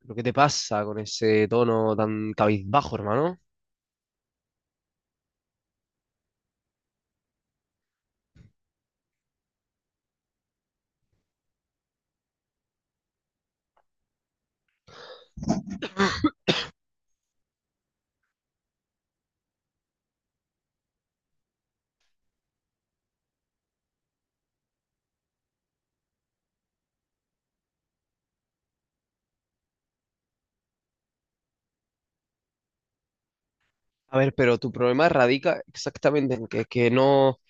¿Pero qué te pasa con ese tono tan cabizbajo, hermano? A ver, pero tu problema radica exactamente en que no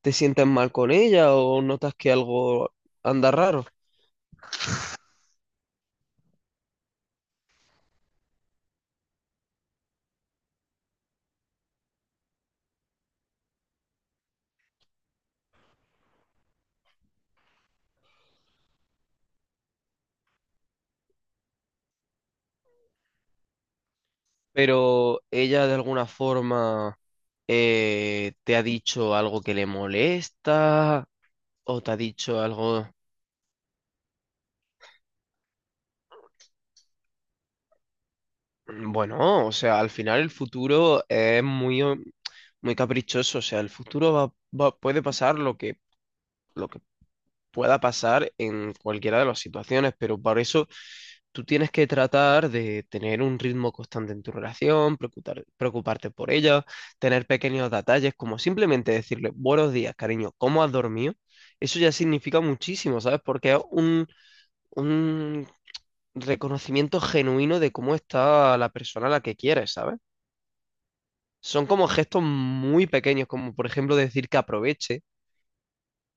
te sientes mal con ella o notas que algo anda raro, pero ella de alguna forma te ha dicho algo que le molesta o te ha dicho algo... Bueno, o sea, al final el futuro es muy caprichoso, o sea, el futuro va, puede pasar lo lo que pueda pasar en cualquiera de las situaciones, pero por eso tú tienes que tratar de tener un ritmo constante en tu relación, preocuparte por ella, tener pequeños detalles, como simplemente decirle buenos días, cariño, ¿cómo has dormido? Eso ya significa muchísimo, ¿sabes? Porque es un reconocimiento genuino de cómo está la persona a la que quieres, ¿sabes? Son como gestos muy pequeños, como por ejemplo decir que aproveche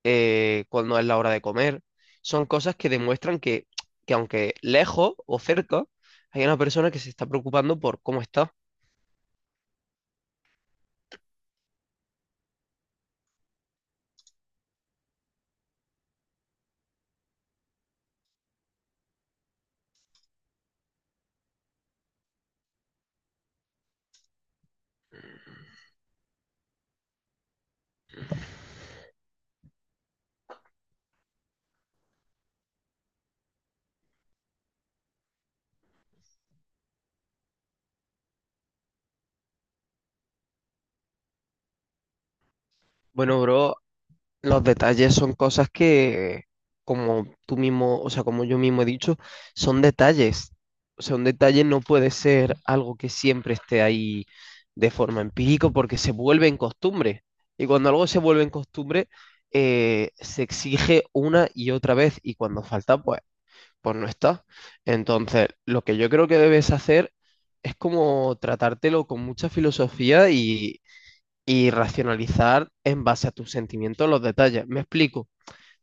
cuándo es la hora de comer. Son cosas que demuestran que aunque lejos o cerca, hay una persona que se está preocupando por cómo está. Bueno, bro, los detalles son cosas que, como tú mismo, o sea, como yo mismo he dicho, son detalles. O sea, un detalle no puede ser algo que siempre esté ahí de forma empírica porque se vuelve en costumbre. Y cuando algo se vuelve en costumbre, se exige una y otra vez. Y cuando falta, pues no está. Entonces, lo que yo creo que debes hacer es como tratártelo con mucha filosofía y racionalizar en base a tus sentimientos los detalles. Me explico,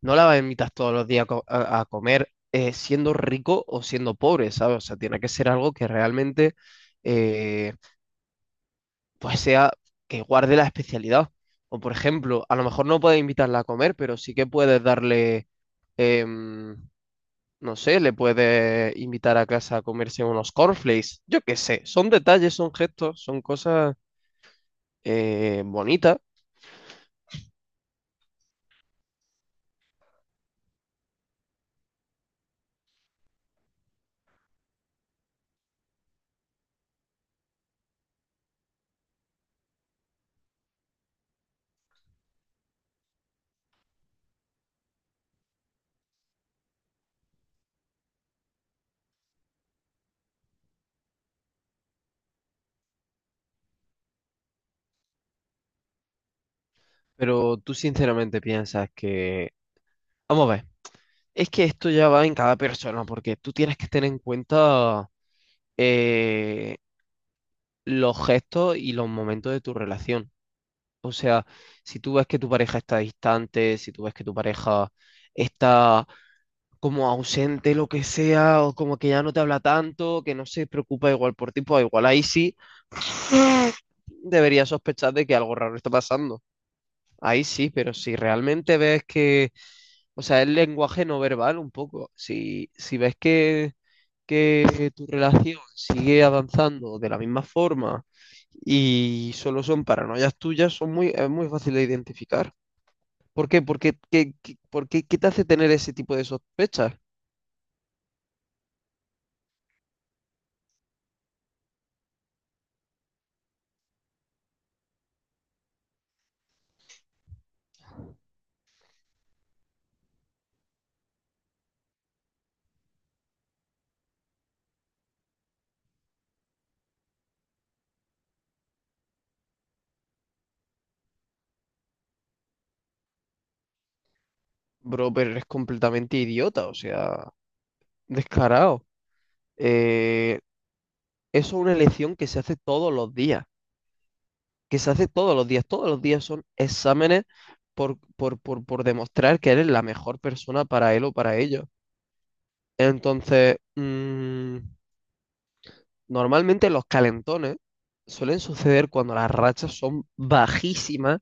no la invitas todos los días a, a comer siendo rico o siendo pobre, ¿sabes? O sea, tiene que ser algo que realmente eh, pues sea que guarde la especialidad. O por ejemplo, a lo mejor no puedes invitarla a comer, pero sí que puedes darle... em, no sé, le puede invitar a casa a comerse unos cornflakes. Yo qué sé, son detalles, son gestos, son cosas bonitas, pero tú sinceramente piensas que... Vamos a ver, es que esto ya va en cada persona, porque tú tienes que tener en cuenta eh, los gestos y los momentos de tu relación. O sea, si tú ves que tu pareja está distante, si tú ves que tu pareja está como ausente, lo que sea, o como que ya no te habla tanto, que no se preocupa igual por ti, pues igual ahí sí deberías sospechar de que algo raro está pasando. Ahí sí, pero si realmente ves que, o sea, es lenguaje no verbal un poco, si ves que tu relación sigue avanzando de la misma forma y solo son paranoias tuyas, son es muy fácil de identificar. ¿Por qué? Porque, ¿por qué te hace tener ese tipo de sospechas? Bro, pero eres completamente idiota, o sea, descarado. Eh, eso es una elección que se hace todos los días, que se hace todos los días. Todos los días son exámenes por demostrar que eres la mejor persona para él o para ellos. Entonces, mm, normalmente los calentones suelen suceder cuando las rachas son bajísimas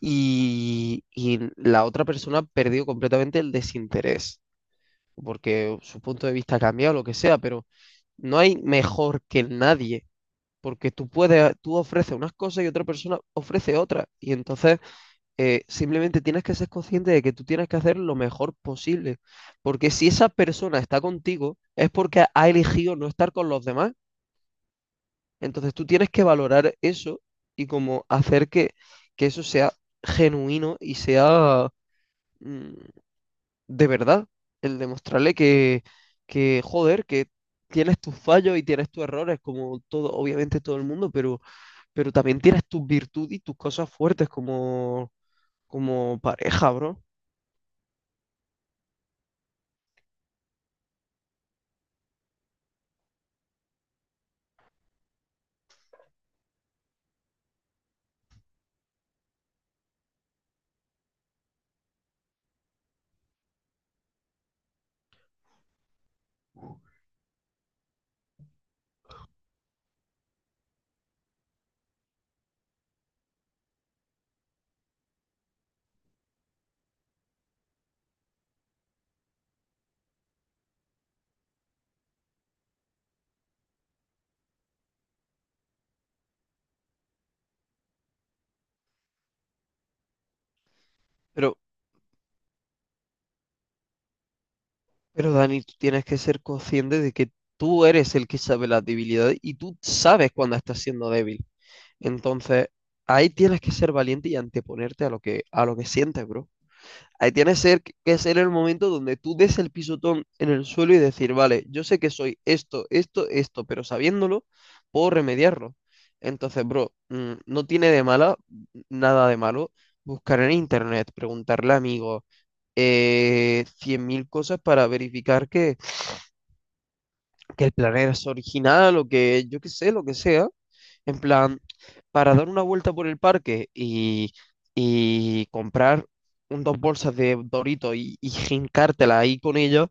y la otra persona ha perdido completamente el desinterés, porque su punto de vista ha cambiado, lo que sea, pero... No hay mejor que nadie, porque tú puedes, tú ofreces unas cosas y otra persona ofrece otras. Y entonces simplemente tienes que ser consciente de que tú tienes que hacer lo mejor posible. Porque si esa persona está contigo, es porque ha elegido no estar con los demás. Entonces tú tienes que valorar eso y como hacer que eso sea genuino y sea mm, de verdad, el demostrarle que, joder, que tienes tus fallos y tienes tus errores, como todo, obviamente todo el mundo, pero también tienes tus virtudes y tus cosas fuertes como, como pareja, bro. Pero, pero Dani, tú tienes que ser consciente de que tú eres el que sabe las debilidades y tú sabes cuando estás siendo débil. Entonces, ahí tienes que ser valiente y anteponerte a lo a lo que sientes, bro. Ahí tienes que ser el momento donde tú des el pisotón en el suelo y decir, vale, yo sé que soy esto, esto, esto, pero sabiéndolo, puedo remediarlo. Entonces, bro, mm, no tiene de mala, mm, nada de malo, buscar en internet, preguntarle a amigos, 100.000 cosas para verificar que el planeta es original o que yo qué sé, lo que sea, en plan, para dar una vuelta por el parque y comprar un, dos bolsas de Doritos y jincártela ahí con ellos,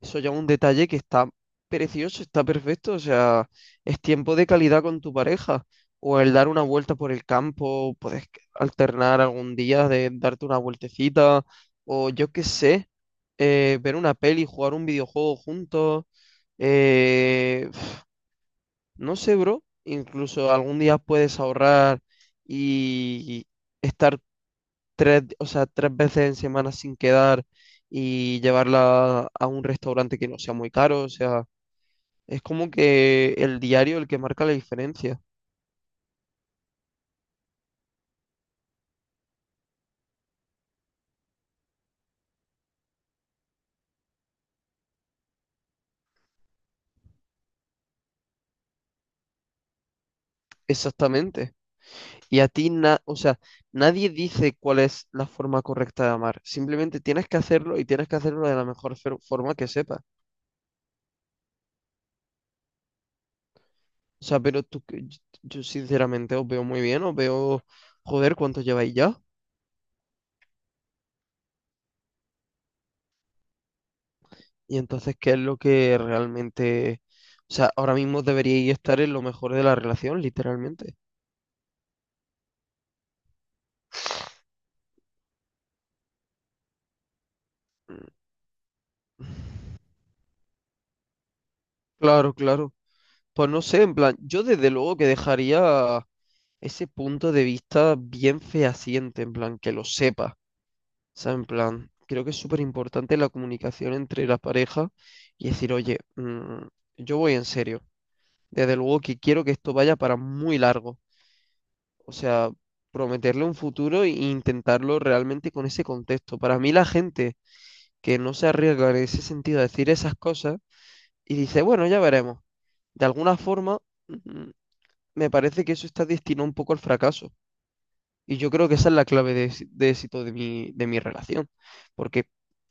eso ya es un detalle que está precioso, está perfecto, o sea, es tiempo de calidad con tu pareja. O el dar una vuelta por el campo, puedes alternar algún día de darte una vueltecita, o yo qué sé, ver una peli, jugar un videojuego juntos eh, no sé, bro. Incluso algún día puedes ahorrar y estar tres, o sea, tres veces en semana sin quedar y llevarla a un restaurante que no sea muy caro. O sea, es como que el diario el que marca la diferencia. Exactamente. Y a ti, o sea, nadie dice cuál es la forma correcta de amar. Simplemente tienes que hacerlo y tienes que hacerlo de la mejor forma que sepas. O sea, pero tú, yo sinceramente os veo muy bien, os veo, joder, ¿cuánto lleváis ya? Y entonces, ¿qué es lo que realmente, o sea, ahora mismo deberíais estar en lo mejor de la relación, literalmente? Mm. Claro, claro. Pues no sé, en plan, yo desde luego que dejaría ese punto de vista bien fehaciente, en plan, que lo sepa. O sea, en plan, creo que es súper importante la comunicación entre la pareja y decir, oye, mm, yo voy en serio. Desde luego que quiero que esto vaya para muy largo. O sea, prometerle un futuro e intentarlo realmente con ese contexto. Para mí la gente que no se arriesga en ese sentido a decir esas cosas y dice, bueno, ya veremos. De alguna forma, mm, me parece que eso está destinado un poco al fracaso. Y yo creo que esa es la clave de, de éxito de de mi relación. Porque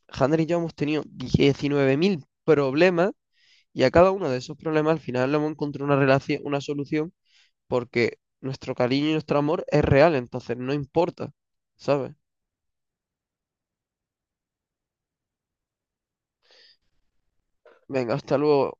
Hanner y yo hemos tenido 19.000 problemas y a cada uno de esos problemas al final le hemos encontrado una relación, una solución porque nuestro cariño y nuestro amor es real, entonces no importa, ¿sabes? Venga, hasta luego.